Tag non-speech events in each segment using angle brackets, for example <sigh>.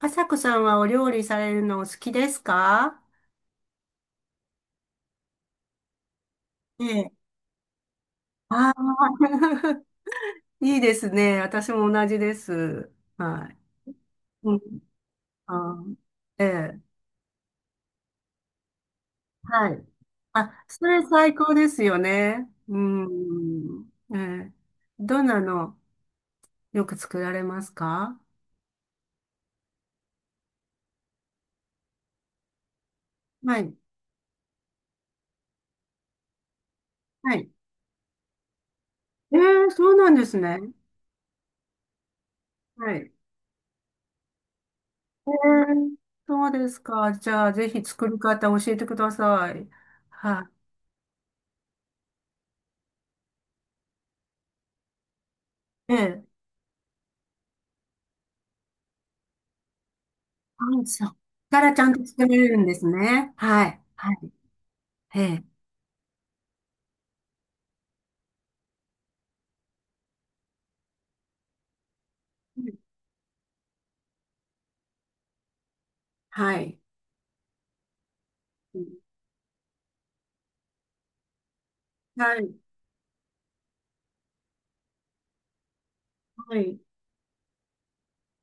あさこさんはお料理されるのお好きですか？ええ。ああ、<laughs> いいですね。私も同じです。はい。うん。あー。ええ。はい。あ、それ最高ですよね。うん。ええ。どんなのよく作られますか？はい。はい。ええ、そうなんですね。はい。ええ、そうですか。じゃあ、ぜひ作り方教えてください。はい。ええ。あ、そっからちゃんと作れるんですね。はい。はい。ええ。はい。はい。はい。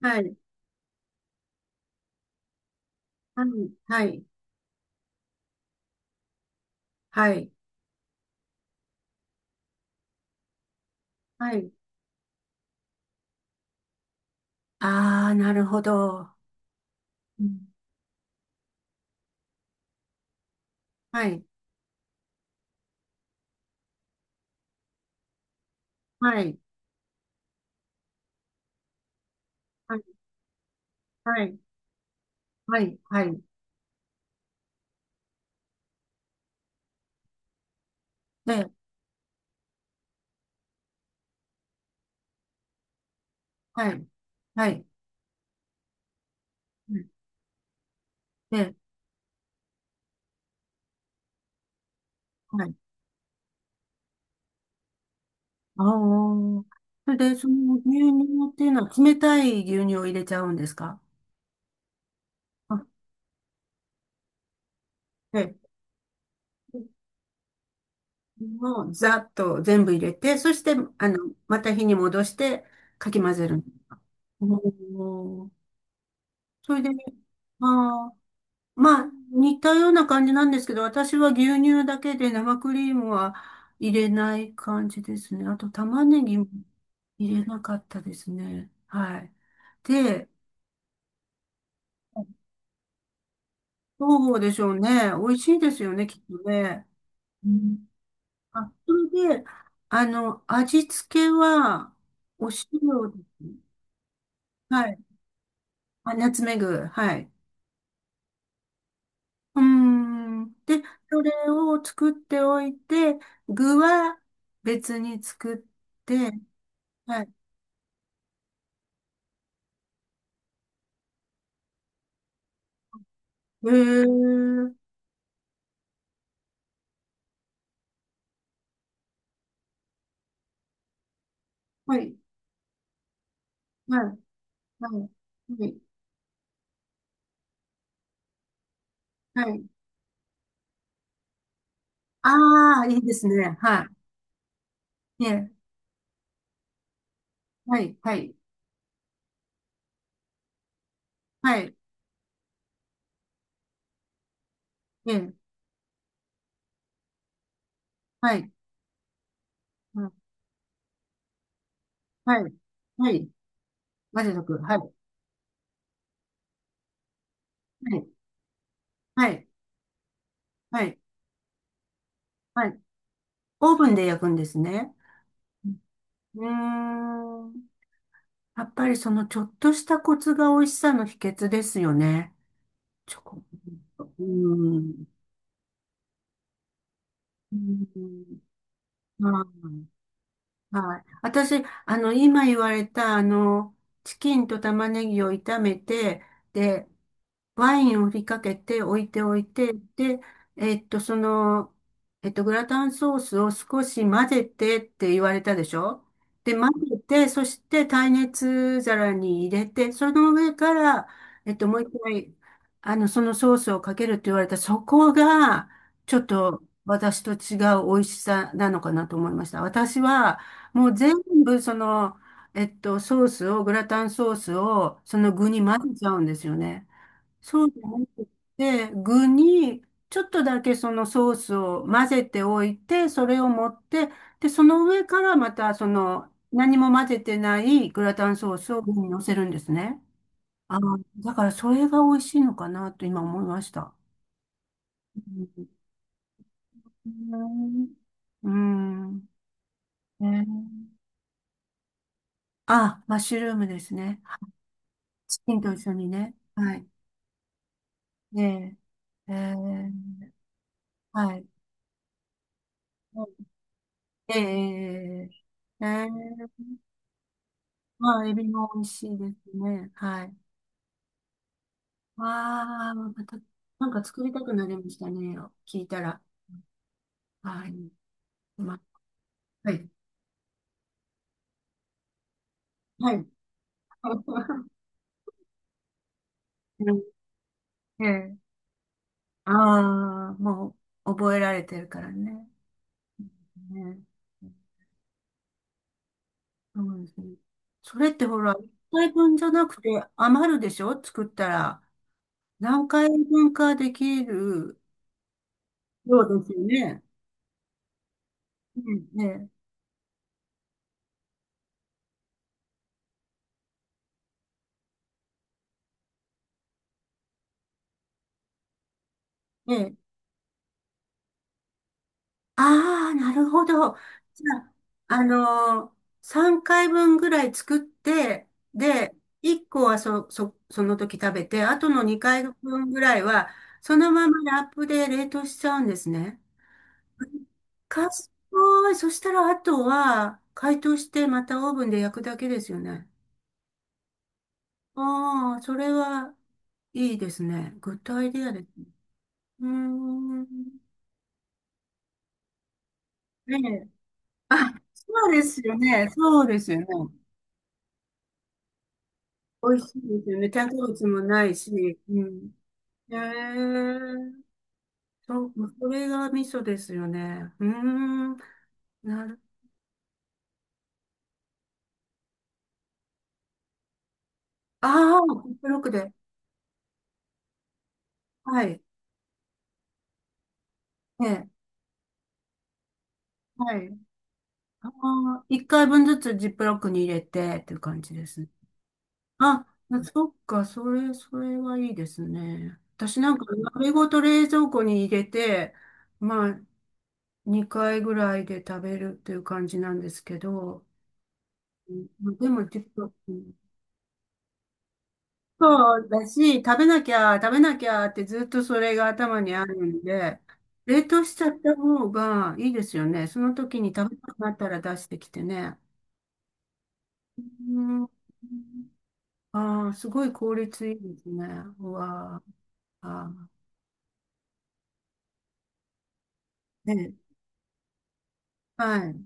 はい。はい。はい。はい。はい。ああ、なるほど。うん。はい。はい。はい。はい。はい。はい。ええ。はい。はい。うん。ええ。はい。ああ。それで、その牛乳っていうのは冷たい牛乳を入れちゃうんですか？あ、ええ。もうざっと全部入れて、そして、あの、また火に戻してかき混ぜる。おー。それで、まあまあ、似たような感じなんですけど、私は牛乳だけで生クリームは入れない感じですね。あと玉ねぎも入れなかったですね。はい。で、どうでしょうね。美味しいですよね、きっとね。うん。あ、それで、あの、味付けは、お塩ですね。はい。あ、ナツメグ。はい。うーん。で、それを作っておいて、具は別に作って、はい。へー。はい。はい。はい。はい。はい。ああ、いいですね。はい。ええ。はい。はい。はい。ええ。はい。うん。はい。はい。混ぜとく。はい。はい。はい。はい。はい。オーブンで焼くんですね。うん。うーん。やっぱりそのちょっとしたコツが美味しさの秘訣ですよね。チョコ、うーん。うーん。まあ、はい。私、あの、今言われた、あの、チキンと玉ねぎを炒めて、で、ワインを振りかけて置いておいて、で、えっと、その、グラタンソースを少し混ぜてって言われたでしょ？で、混ぜて、そして耐熱皿に入れて、その上から、えっと、もう一回、あの、そのソースをかけるって言われた、そこが、ちょっと私と違う美味しさなのかなと思いました。私は、もう全部その、えっと、ソースを、グラタンソースを、その具に混ぜちゃうんですよね。そうじゃなくて、具に、ちょっとだけそのソースを混ぜておいて、それを持って、で、その上からまた、その、何も混ぜてないグラタンソースを上に乗せるんですね。あー、だからそれが美味しいのかなと今思いました。うん。うん。うん。ね。あ、マッシュルームですね。チキンと一緒にね。はい。で、えー、はい。えええー、まあ、エビも美味しいですね。はい。わあ、また、なんか作りたくなりましたね。聞いたら。はい。ま、はい。はい。<laughs> うん。ええ。ああ、もう、覚えられてるからね。ね。そうですね。それってほら、一回分じゃなくて余るでしょ作ったら。何回分かできる？そうですよね。うん。ええ、ええ。ああ、なるほど。じゃあ、あのー、3回分ぐらい作って、で、1個はそ、そ、その時食べて、あとの2回分ぐらいは、そのままラップで冷凍しちゃうんですね。賢い。そしたら、あとは、解凍して、またオーブンで焼くだけですよね。ああ、それはいいですね。グッドアイデアですね。うーん。ね。あ、そうですよね。そうですよね。美味しいですよね。添加物もないし。うん。へえ。そう、それが味噌ですよね。うーん。なる。ああ、ジップロックで。はい。ええ。はい。ああ、一回分ずつジップロックに入れてっていう感じですね。あ、そっか、それ、それはいいですね。私なんか、鍋ごと冷蔵庫に入れて、まあ、2回ぐらいで食べるっていう感じなんですけど、うん。でもちょっと、うん、そうだし、食べなきゃってずっとそれが頭にあるんで、冷凍しちゃった方がいいですよね。その時に食べたくなったら出してきてね。うん。ああー、すごい効率いいですね。うわあ、あーね、はい。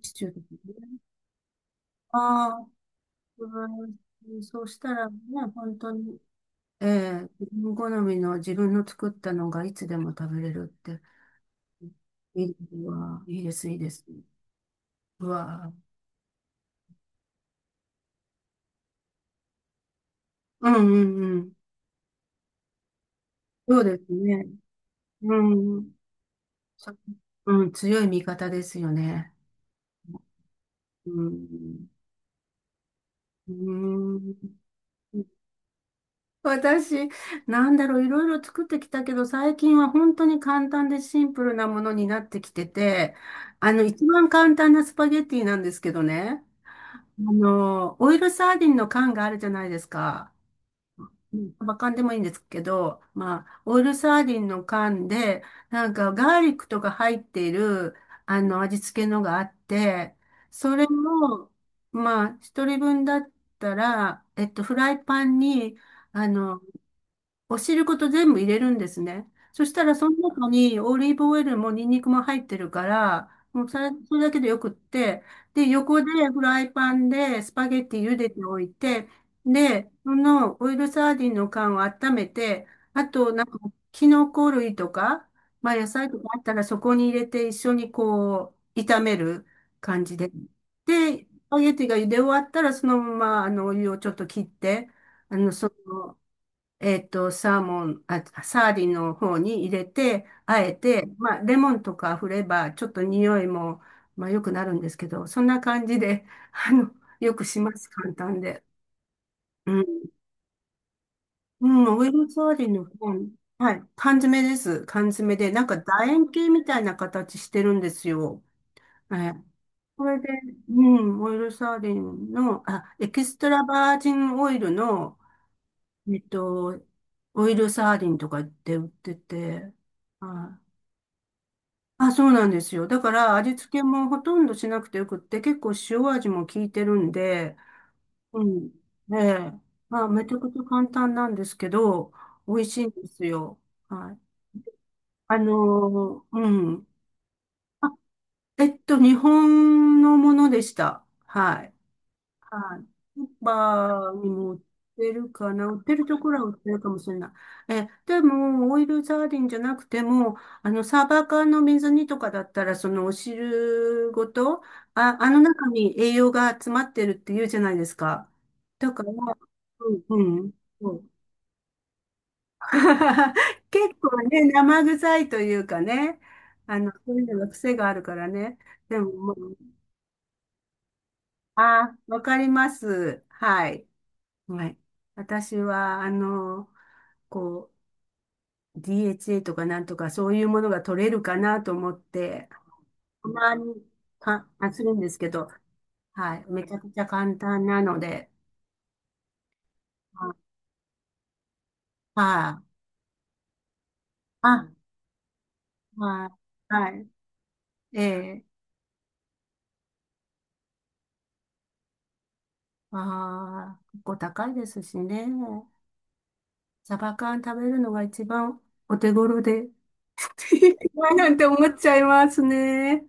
シチューですね。ああ、うん、そうしたらね、本当にええ、自分好みの自分の作ったのがいつでも食べれるって。いいうわ、いいです、いいです。うわ、うん、うん、うん。そうですね。うん。そうん、強い味方ですよね。うん。うん。私、なんだろう、いろいろ作ってきたけど、最近は本当に簡単でシンプルなものになってきてて、あの、一番簡単なスパゲッティなんですけどね。あの、オイルサーディンの缶があるじゃないですか。うん。サバ缶でもいいんですけど、まあ、オイルサーディンの缶で、なんかガーリックとか入っている、あの、味付けのがあって、それを、まあ、一人分だったら、えっと、フライパンに、あの、お汁ごと全部入れるんですね。そしたらその中にオリーブオイルもニンニクも入ってるから、もうそれだけでよくって、で、横でフライパンでスパゲッティ茹でておいて、で、そのオイルサーディンの缶を温めて、あとなんかキノコ類とか、まあ野菜とかあったらそこに入れて一緒にこう炒める感じで。で、スパゲッティが茹で終わったらそのままあのお湯をちょっと切って、あの、そのえっと、サーモン、あ、サーディンの方に入れて、あえて、まあ、レモンとか振れば、ちょっと匂いも、まあ、良くなるんですけど、そんな感じで、<laughs> あの、よくします、簡単で。うん。うん、オイルサーディンの方、はい、缶詰です。缶詰で、なんか楕円形みたいな形してるんですよ。え、これで、うん、オイルサーディンの、あ、エキストラバージンオイルの、えっと、オイルサーディンとかって売ってて、はい。あ、そうなんですよ。だから味付けもほとんどしなくてよくって、結構塩味も効いてるんで、うん。ええ。まあ、めちゃくちゃ簡単なんですけど、美味しいんですよ。はい。あのーうん。あ、えっと、日本のものでした。はい。はい。スーパーにも売ってるかな。売ってるところは売ってるかもしれない。え、でも、オイルサーディンじゃなくても、あの、サーバー缶の水煮とかだったら、そのお汁ごと、あ、あの中に栄養が詰まってるって言うじゃないですか。だから、うん、うん。そう、 <laughs> 結構ね、生臭いというかね、あの、そういうのが癖があるからね。でも、もう、あ、わかります。はい。はい。私は、あの、こう、DHA とかなんとかそういうものが取れるかなと思って、たまにか、あ、するんですけど、はい。めちゃくちゃ簡単なので、あ、はい、あ、あ、あはい。ええ、ああ、結構高いですしね。サバ缶食べるのが一番お手頃で、<laughs> なんて思っちゃいますね。